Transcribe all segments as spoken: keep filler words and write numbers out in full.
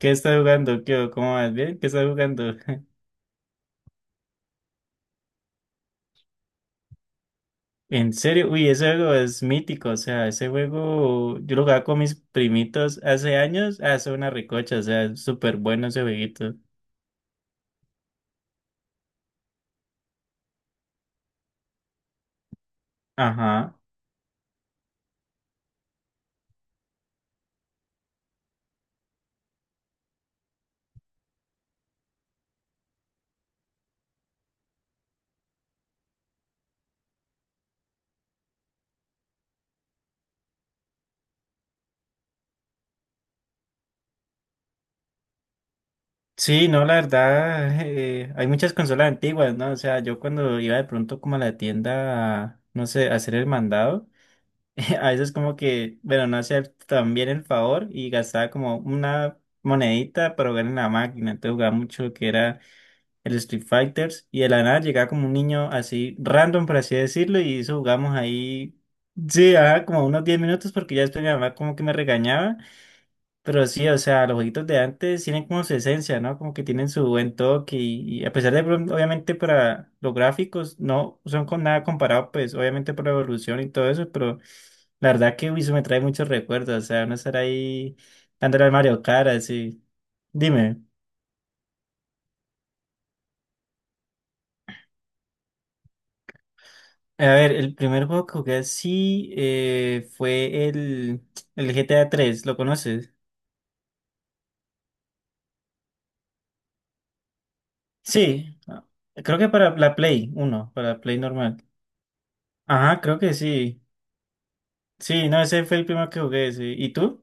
¿Qué estás jugando? ¿Qué? ¿O? ¿Cómo vas? ¿Bien? ¿Qué estás jugando? En serio, uy, ese juego es mítico, o sea, ese juego yo lo jugaba con mis primitos hace años, hace una recocha, o sea, es súper bueno ese jueguito. Ajá. Sí, no, la verdad, eh, hay muchas consolas antiguas, ¿no? O sea, yo cuando iba de pronto como a la tienda, no sé, a hacer el mandado, a veces como que, bueno, no hacía tan bien el favor y gastaba como una monedita para jugar en la máquina, entonces jugaba mucho lo que era el Street Fighters, y de la nada llegaba como un niño así, random, por así decirlo, y eso jugamos ahí, sí, ajá, como unos diez minutos, porque ya después mi mamá como que me regañaba, pero sí, o sea, los jueguitos de antes tienen como su esencia, ¿no? Como que tienen su buen toque, y, y a pesar de, pronto, obviamente, para los gráficos, no son con nada comparado, pues, obviamente por la evolución y todo eso, pero la verdad que uy, eso me trae muchos recuerdos, o sea, no estar ahí dándole al Mario Kart, así. Dime. A ver, el primer juego que jugué así, eh, fue el, el GTA tres. ¿Lo conoces? Sí, ah, creo que para la Play uno, para Play normal. Ajá, creo que sí. Sí, no, ese fue el primero que jugué, sí. ¿Y tú?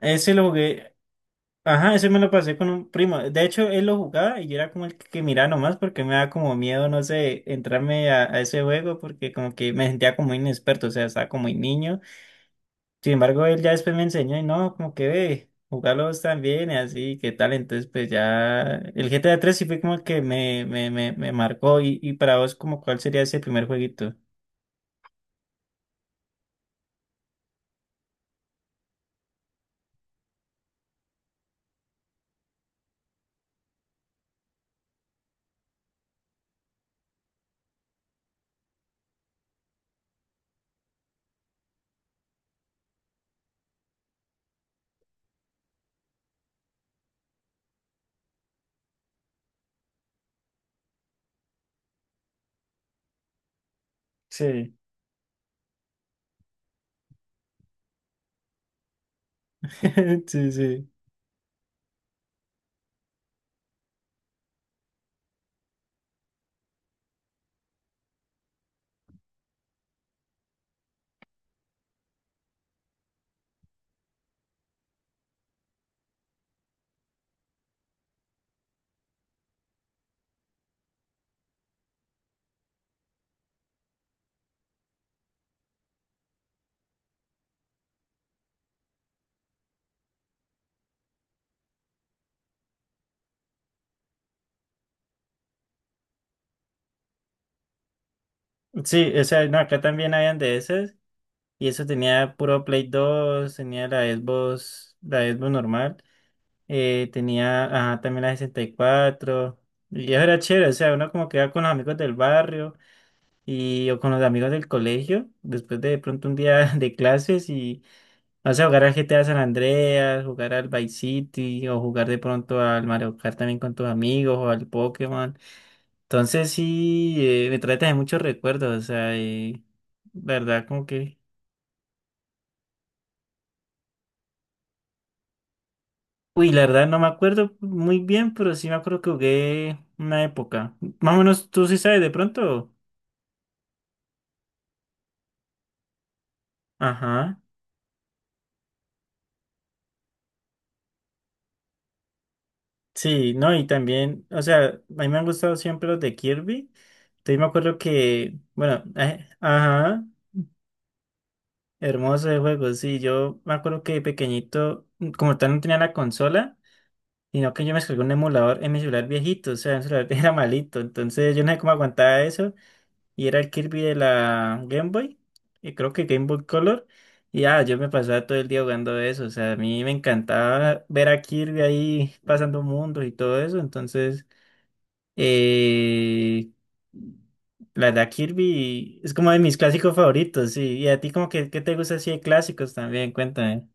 Ese lo jugué, ajá, ese me lo pasé con un primo. De hecho, él lo jugaba y yo era como el que miraba nomás porque me daba como miedo, no sé, entrarme a, a ese juego porque como que me sentía como inexperto, o sea, estaba como muy niño. Sin embargo, él ya después me enseñó y no, como que ve, jugarlos también y así, qué tal. Entonces, pues ya el GTA tres sí fue como el que me, me, me, me marcó. Y, y para vos, como cuál sería ese primer jueguito? Sí. Sí, sí. Sí, o sea, no, acá también habían de esas. Y eso tenía puro Play dos, tenía la Xbox, la Xbox normal. eh, tenía, ajá, también la sesenta y cuatro. Y cuatro. Y eso era chévere, o sea, uno como que iba con los amigos del barrio, y o con los amigos del colegio, después de, de pronto un día de clases y no sé, jugar al G T A San Andreas, jugar al Vice City o jugar de pronto al Mario Kart también con tus amigos o al Pokémon. Entonces sí, eh, me trae también muchos recuerdos, o sea, eh, la verdad como que. Uy, la verdad no me acuerdo muy bien, pero sí me acuerdo que jugué una época. Más o menos tú sí sabes de pronto. Ajá. Sí, no, y también, o sea, a mí me han gustado siempre los de Kirby. Entonces me acuerdo que, bueno, eh, ajá, hermoso de juego, sí, yo me acuerdo que de pequeñito, mm, como tal no tenía la consola, sino que yo me descargué un emulador en mi celular viejito, o sea, mi celular era malito, entonces yo no sé cómo aguantaba eso, y era el Kirby de la Game Boy, y creo que Game Boy Color, y ah, yo me pasaba todo el día jugando eso, o sea, a mí me encantaba ver a Kirby ahí pasando mundos y todo eso, entonces. Eh, la verdad, Kirby es como de mis clásicos favoritos, sí. Y a ti como que, ¿qué te gusta así de clásicos también? Cuéntame.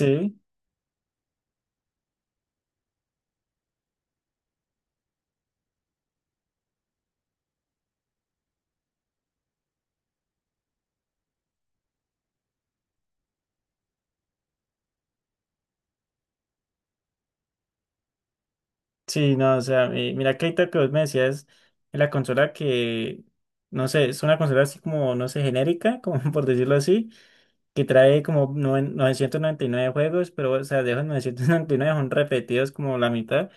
Sí, sí, no, o sea, mi- mira que ahorita que vos me decías, la consola que, no sé, es una consola así como, no sé, genérica, como por decirlo así, que trae como noven- novecientos noventa y nueve juegos, pero, o sea, de esos novecientos noventa y nueve son repetidos como la mitad.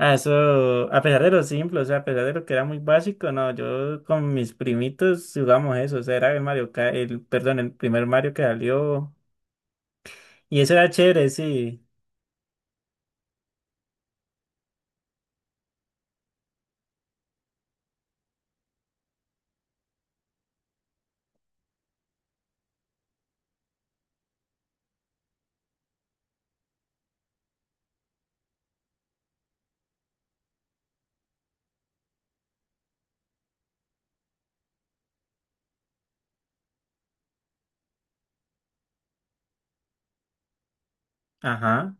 Ah, eso, a pesar de lo simple, o sea, a pesar de lo que era muy básico, no, yo con mis primitos jugamos eso, o sea, era el Mario, Ka- el, perdón, el primer Mario que salió, y eso era chévere, sí, ajá,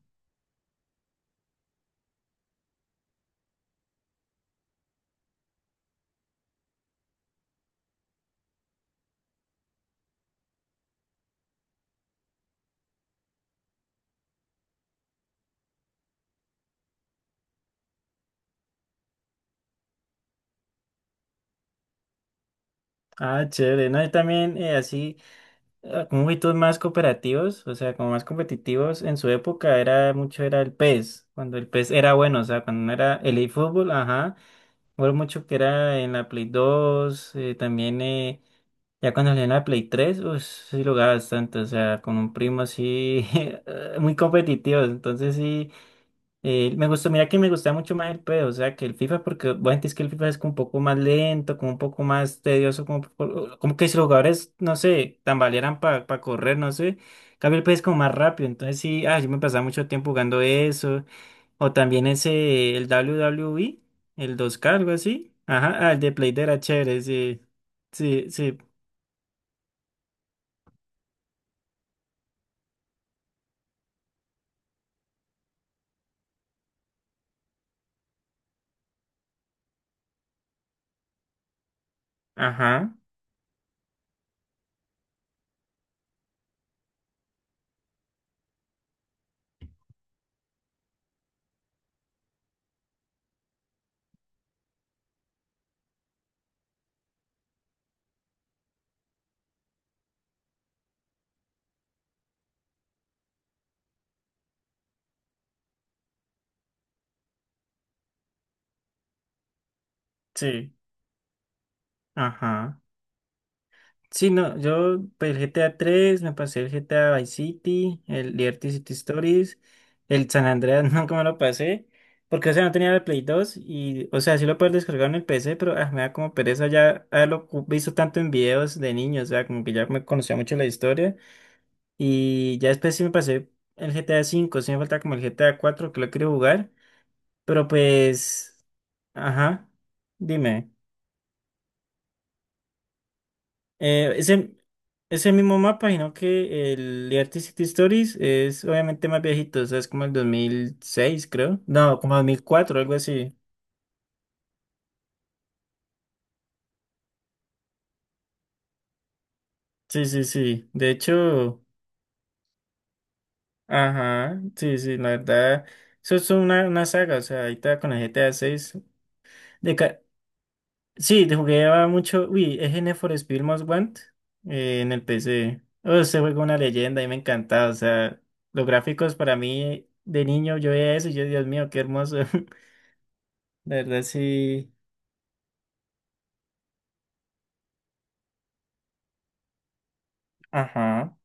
ah, chévere, no, yo también, eh, así, eh, con jueguitos más cooperativos, o sea, como más competitivos, en su época era mucho, era el PES, cuando el PES era bueno, o sea, cuando no era el eFootball, ajá. Fue mucho que era en la Play dos, eh, también. eh, Ya cuando salió en la Play tres, pues sí lo jugaba bastante, o sea, con un primo así, eh, muy competitivo, entonces sí, eh, me gustó, mira que me gustaba mucho más el PES, o sea, que el FIFA, porque bueno, es que el FIFA es como un poco más lento, como un poco más tedioso, como, po- como que si los jugadores, no sé, tambalearan para correr, no sé, en cambio el PES es como más rápido, entonces sí, ah, yo me pasaba mucho tiempo jugando eso, o también ese, el W W WWE, el dos k algo así, ajá, ah, el de Play de era chévere, sí, sí, sí, ajá. Sí, ajá. Sí, no, yo pues, el GTA tres me pasé, el G T A Vice City, el Liberty City Stories, el San Andreas nunca me lo pasé, porque o sea, no tenía el Play dos y, o sea, sí lo puedo descargar en el P C, pero ah, me da como pereza ya haberlo cu- visto tanto en videos de niños, o sea, como que ya me conocía mucho la historia y ya después sí me pasé el GTA cinco. Sí, me falta como el GTA cuatro que lo quiero jugar, pero pues, ajá, dime. Eh, ese, ese mismo mapa, sino que el Liberty City Stories es obviamente más viejito, o sea, es como el dos mil seis, creo. No, como dos mil cuatro, algo así. Sí, sí, sí. De hecho, ajá, sí, sí, la verdad. Eso es una, una saga, o sea, ahorita con el G T A seis. De ca- sí, de jugué ah, mucho. Uy, es en for Speed Most Want, eh, en el P C. Oh, ese juego es una leyenda y me encantaba, o sea, los gráficos para mí de niño, yo veía eso y yo, Dios mío, qué hermoso. La verdad sí. Ajá.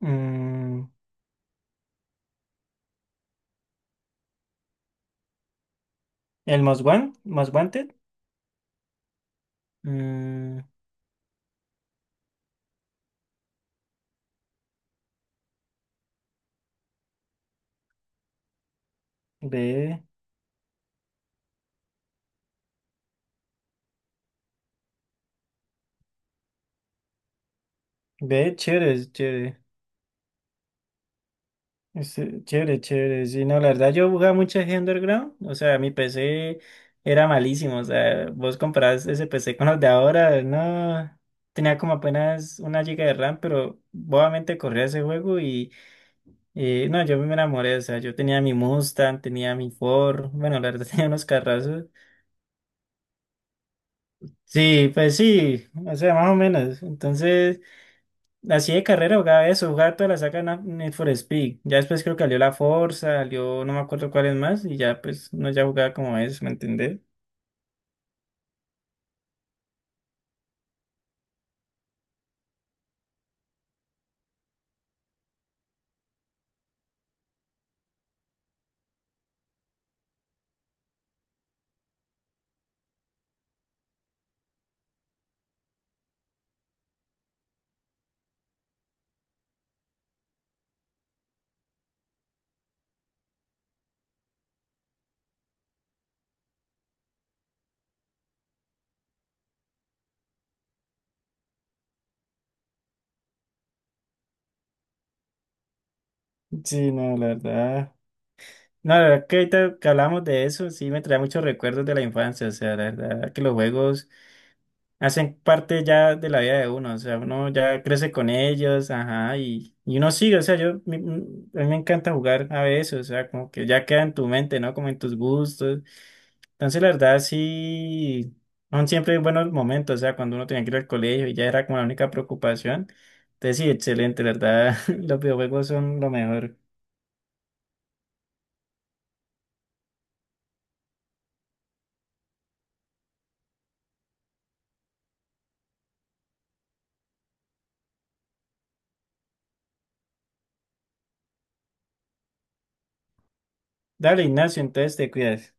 Mm, el Most Wan- Most Wanted. Mm, ve, ve, chévere, es chévere. Es, eh, chévere, chévere. Sí, no, la verdad yo jugaba mucho G Underground. O sea, mi P C era malísimo. O sea, vos comparás ese P C con los de ahora. No. Tenía como apenas una giga de RAM, pero bobamente corría ese juego y eh, no, yo me enamoré. O sea, yo tenía mi Mustang, tenía mi Ford. Bueno, la verdad tenía unos carrazos. Sí, pues sí, o sea, más o menos. Entonces, así de carrera jugaba eso, jugaba toda la saga Na- Need for Speed. Ya después creo que salió la Forza, salió no me acuerdo cuáles más, y ya pues no ya jugaba como eso, ¿me entendés? Sí, no, la verdad. No, la verdad que ahorita que hablamos de eso, sí me trae muchos recuerdos de la infancia, o sea, la verdad que los juegos hacen parte ya de la vida de uno, o sea, uno ya crece con ellos, ajá, y, y uno sigue, o sea, yo, mi- mi- a mí me encanta jugar a veces, o sea, como que ya queda en tu mente, ¿no? Como en tus gustos. Entonces, la verdad, sí, son siempre buenos momentos, o sea, cuando uno tenía que ir al colegio y ya era como la única preocupación. Entonces, sí, excelente, la verdad, los videojuegos son lo mejor. Dale, Ignacio, entonces te cuidas.